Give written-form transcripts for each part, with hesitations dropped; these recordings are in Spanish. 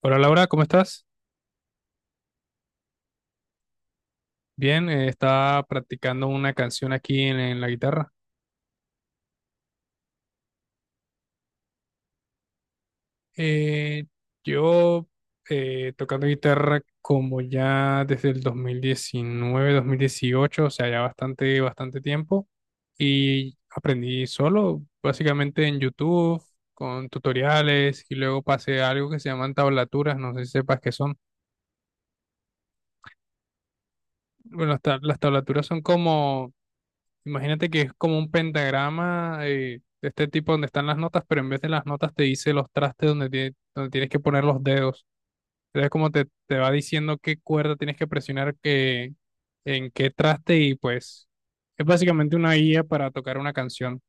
Hola Laura, ¿cómo estás? Bien, estaba practicando una canción aquí en la guitarra. Eh, yo tocando guitarra como ya desde el 2019, 2018, o sea, ya bastante, bastante tiempo. Y aprendí solo, básicamente en YouTube, con tutoriales, y luego pasé a algo que se llaman tablaturas, no sé si sepas qué son. Bueno, las tablaturas son como, imagínate, que es como un pentagrama, de este tipo donde están las notas, pero en vez de las notas te dice los trastes donde, donde tienes que poner los dedos. Entonces como te va diciendo qué cuerda tienes que presionar, en qué traste, y pues es básicamente una guía para tocar una canción.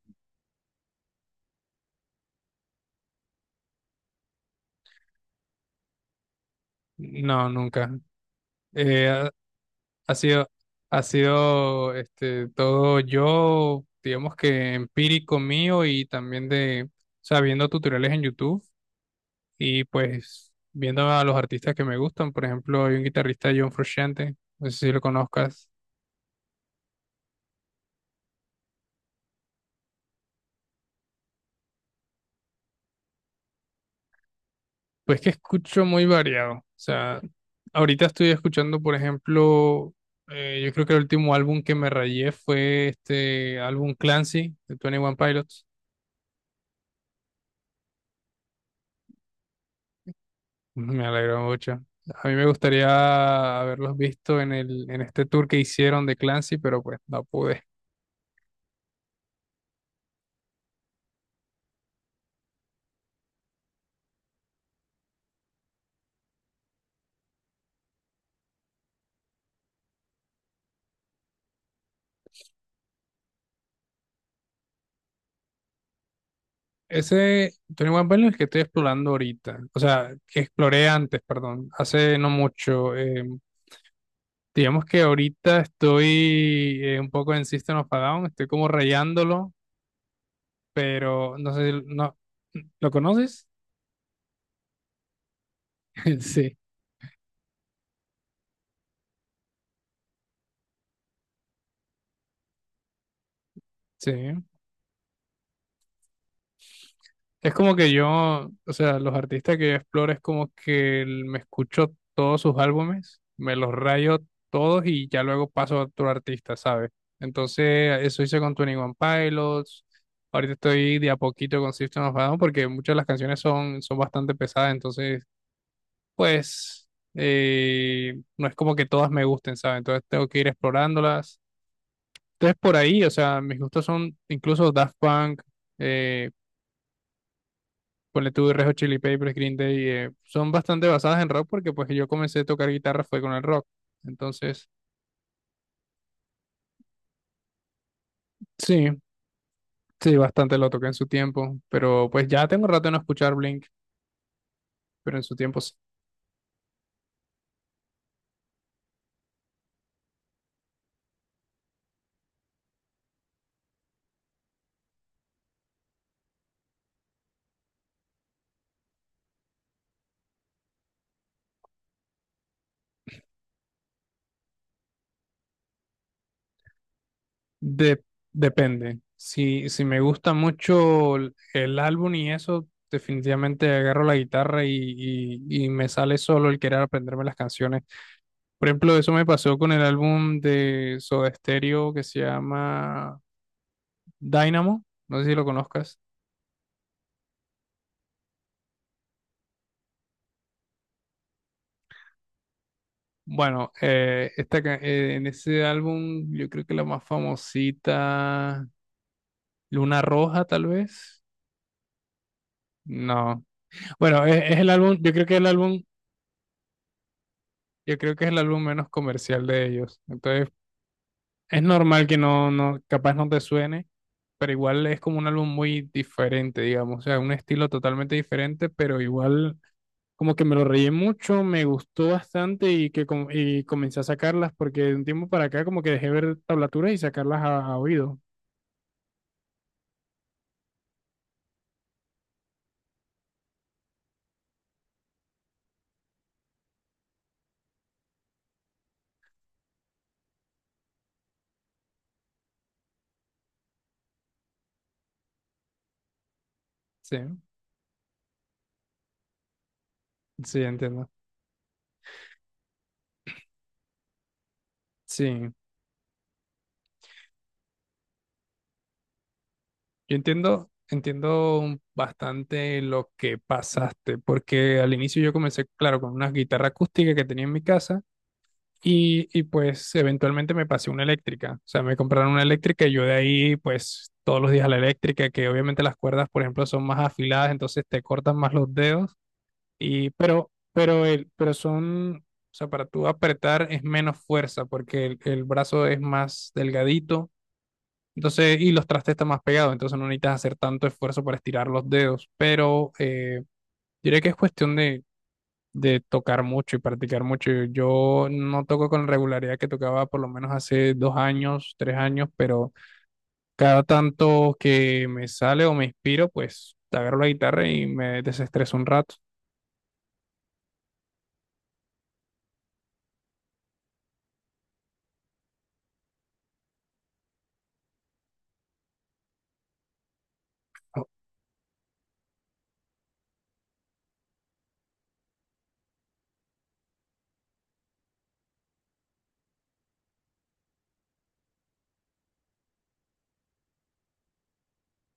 No, nunca. Eh, ha, ha sido, ha sido, este, todo yo, digamos que empírico mío y también de, sabiendo tutoriales en YouTube. Y pues viendo a los artistas que me gustan, por ejemplo, hay un guitarrista, John Frusciante, no sé si lo conozcas, pues que escucho muy variado. O sea, ahorita estoy escuchando, por ejemplo, yo creo que el último álbum que me rayé fue este álbum Clancy de Twenty One Pilots. Me alegró mucho. A mí me gustaría haberlos visto en este tour que hicieron de Clancy, pero pues no pude. Ese Tony One Pilots es el que estoy explorando ahorita, o sea, que exploré antes, perdón, hace no mucho. Digamos que ahorita estoy, un poco, en System of a Down, estoy como rayándolo, pero no sé, no, ¿lo conoces? Sí, sí. Es como que yo, o sea, los artistas que yo exploro es como que me escucho todos sus álbumes, me los rayo todos y ya luego paso a otro artista, ¿sabes? Entonces, eso hice con Twenty One Pilots. Ahorita estoy de a poquito con System of a Down porque muchas de las canciones son, son bastante pesadas, entonces, pues, no es como que todas me gusten, ¿sabes? Entonces tengo que ir explorándolas. Entonces, por ahí, o sea, mis gustos son incluso Daft Punk. eh, Ponle tú Red Hot Chili Peppers, Green Day, son bastante basadas en rock, porque pues yo comencé a tocar guitarra fue con el rock. Entonces, sí, sí, bastante lo toqué en su tiempo, pero pues ya tengo rato de no escuchar Blink, pero en su tiempo sí. De- depende. Si me gusta mucho el álbum y eso, definitivamente agarro la guitarra y me sale solo el querer aprenderme las canciones. Por ejemplo, eso me pasó con el álbum de Soda Stereo que se llama Dynamo, no sé si lo conozcas. Bueno, en ese álbum yo creo que la más famosita, Luna Roja tal vez. No. Bueno, es el álbum, yo creo que el álbum, yo creo que es el álbum menos comercial de ellos. Entonces, es normal que no, no, capaz no te suene, pero igual es como un álbum muy diferente, digamos. O sea, un estilo totalmente diferente, pero igual como que me lo reí mucho, me gustó bastante, y que y comencé a sacarlas porque de un tiempo para acá como que dejé ver tablaturas y sacarlas a oído. Sí, sí, entiendo. Sí, yo entiendo, bastante lo que pasaste, porque al inicio yo comencé, claro, con una guitarra acústica que tenía en mi casa y pues eventualmente me pasé una eléctrica, o sea, me compraron una eléctrica y yo de ahí pues todos los días a la eléctrica, que obviamente las cuerdas, por ejemplo, son más afiladas, entonces te cortan más los dedos y pero el pero son O sea, para tú apretar es menos fuerza porque el brazo es más delgadito. Entonces, y los trastes están más pegados, entonces no necesitas hacer tanto esfuerzo para estirar los dedos, pero diré que es cuestión de tocar mucho y practicar mucho. Yo no toco con la regularidad que tocaba por lo menos hace 2 años, 3 años, pero cada tanto que me sale o me inspiro, pues agarro la guitarra y me desestreso un rato.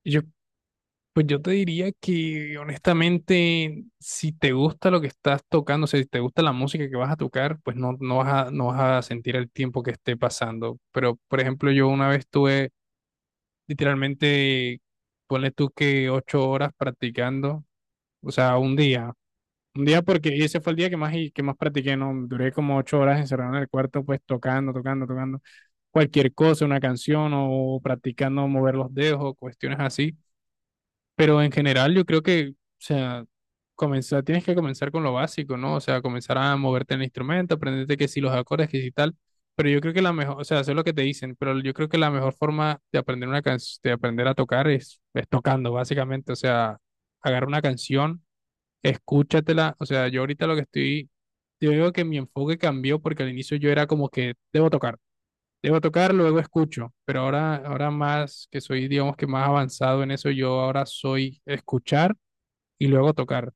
Yo Pues yo te diría que, honestamente, si te gusta lo que estás tocando, o sea, si te gusta la música que vas a tocar, pues no, no vas a sentir el tiempo que esté pasando. Pero, por ejemplo, yo una vez tuve, literalmente, ponle tú, que 8 horas practicando, o sea, un día. Un día, porque ese fue el día que más, que más practiqué, ¿no? Duré como 8 horas encerrado en el cuarto, pues tocando, tocando, tocando cualquier cosa, una canción, o practicando mover los dedos o cuestiones así. Pero en general yo creo que, o sea, comenzar, tienes que comenzar con lo básico, ¿no? O sea, comenzar a moverte en el instrumento, aprenderte que si los acordes, que si tal. Pero yo creo que la mejor, o sea, hacer lo que te dicen, pero yo creo que la mejor forma de aprender de aprender a tocar es tocando, básicamente. O sea, agarra una canción, escúchatela. O sea, yo ahorita lo que estoy, yo digo que mi enfoque cambió porque al inicio yo era como que debo tocar. Debo tocar, luego escucho, pero ahora, ahora más que soy, digamos que más avanzado en eso, yo ahora soy escuchar y luego tocar.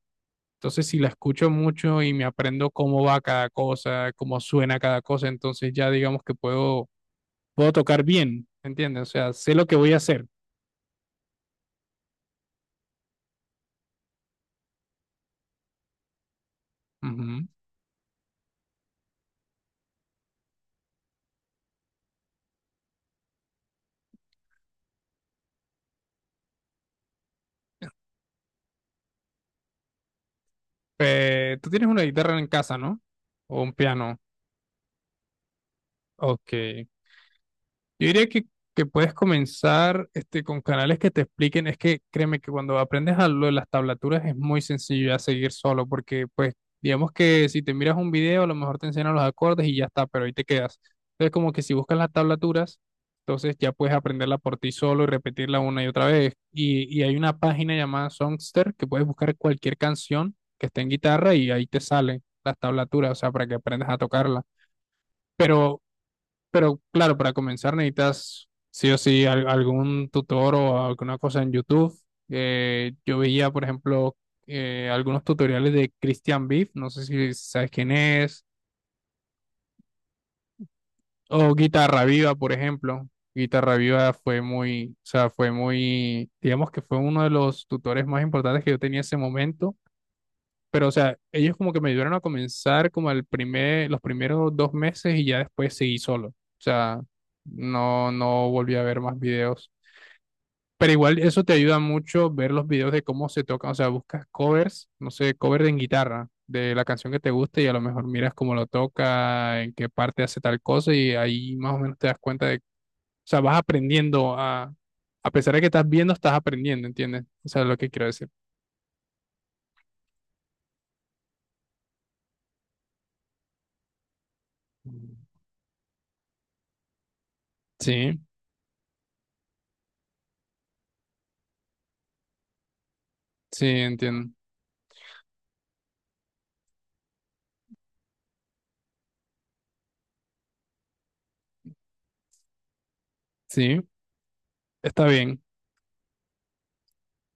Entonces, si la escucho mucho y me aprendo cómo va cada cosa, cómo suena cada cosa, entonces ya digamos que puedo, puedo tocar bien, ¿entiendes? O sea, sé lo que voy a hacer. Ujú. ¿Tú tienes una guitarra en casa, no? O un piano. Ok. Yo diría que, puedes comenzar, este, con canales que te expliquen. Es que créeme que cuando aprendes a lo de las tablaturas es muy sencillo ya seguir solo, porque pues digamos que si te miras un video, a lo mejor te enseñan los acordes y ya está, pero ahí te quedas. Entonces, como que si buscas las tablaturas, entonces ya puedes aprenderla por ti solo y repetirla una y otra vez. Y hay una página llamada Songster que puedes buscar cualquier canción que esté en guitarra y ahí te salen las tablaturas, o sea, para que aprendas a tocarla. Pero, claro, para comenzar necesitas sí o sí algún tutor o alguna cosa en YouTube. Yo veía, por ejemplo, algunos tutoriales de Christian Beef, no sé si sabes quién es, o Guitarra Viva, por ejemplo. Guitarra Viva fue muy, o sea, fue muy, digamos que fue uno de los tutores más importantes que yo tenía en ese momento. Pero, o sea, ellos como que me ayudaron a comenzar como el primer, los primeros 2 meses, y ya después seguí solo. O sea, no volví a ver más videos. Pero igual eso te ayuda mucho, ver los videos de cómo se tocan, o sea, buscas covers, no sé, cover en guitarra de la canción que te guste y a lo mejor miras cómo lo toca, en qué parte hace tal cosa y ahí más o menos te das cuenta de, o sea, vas aprendiendo a pesar de que estás viendo, estás aprendiendo, ¿entiendes? O sea, es lo que quiero decir. Sí, sí, entiendo. Sí, está bien.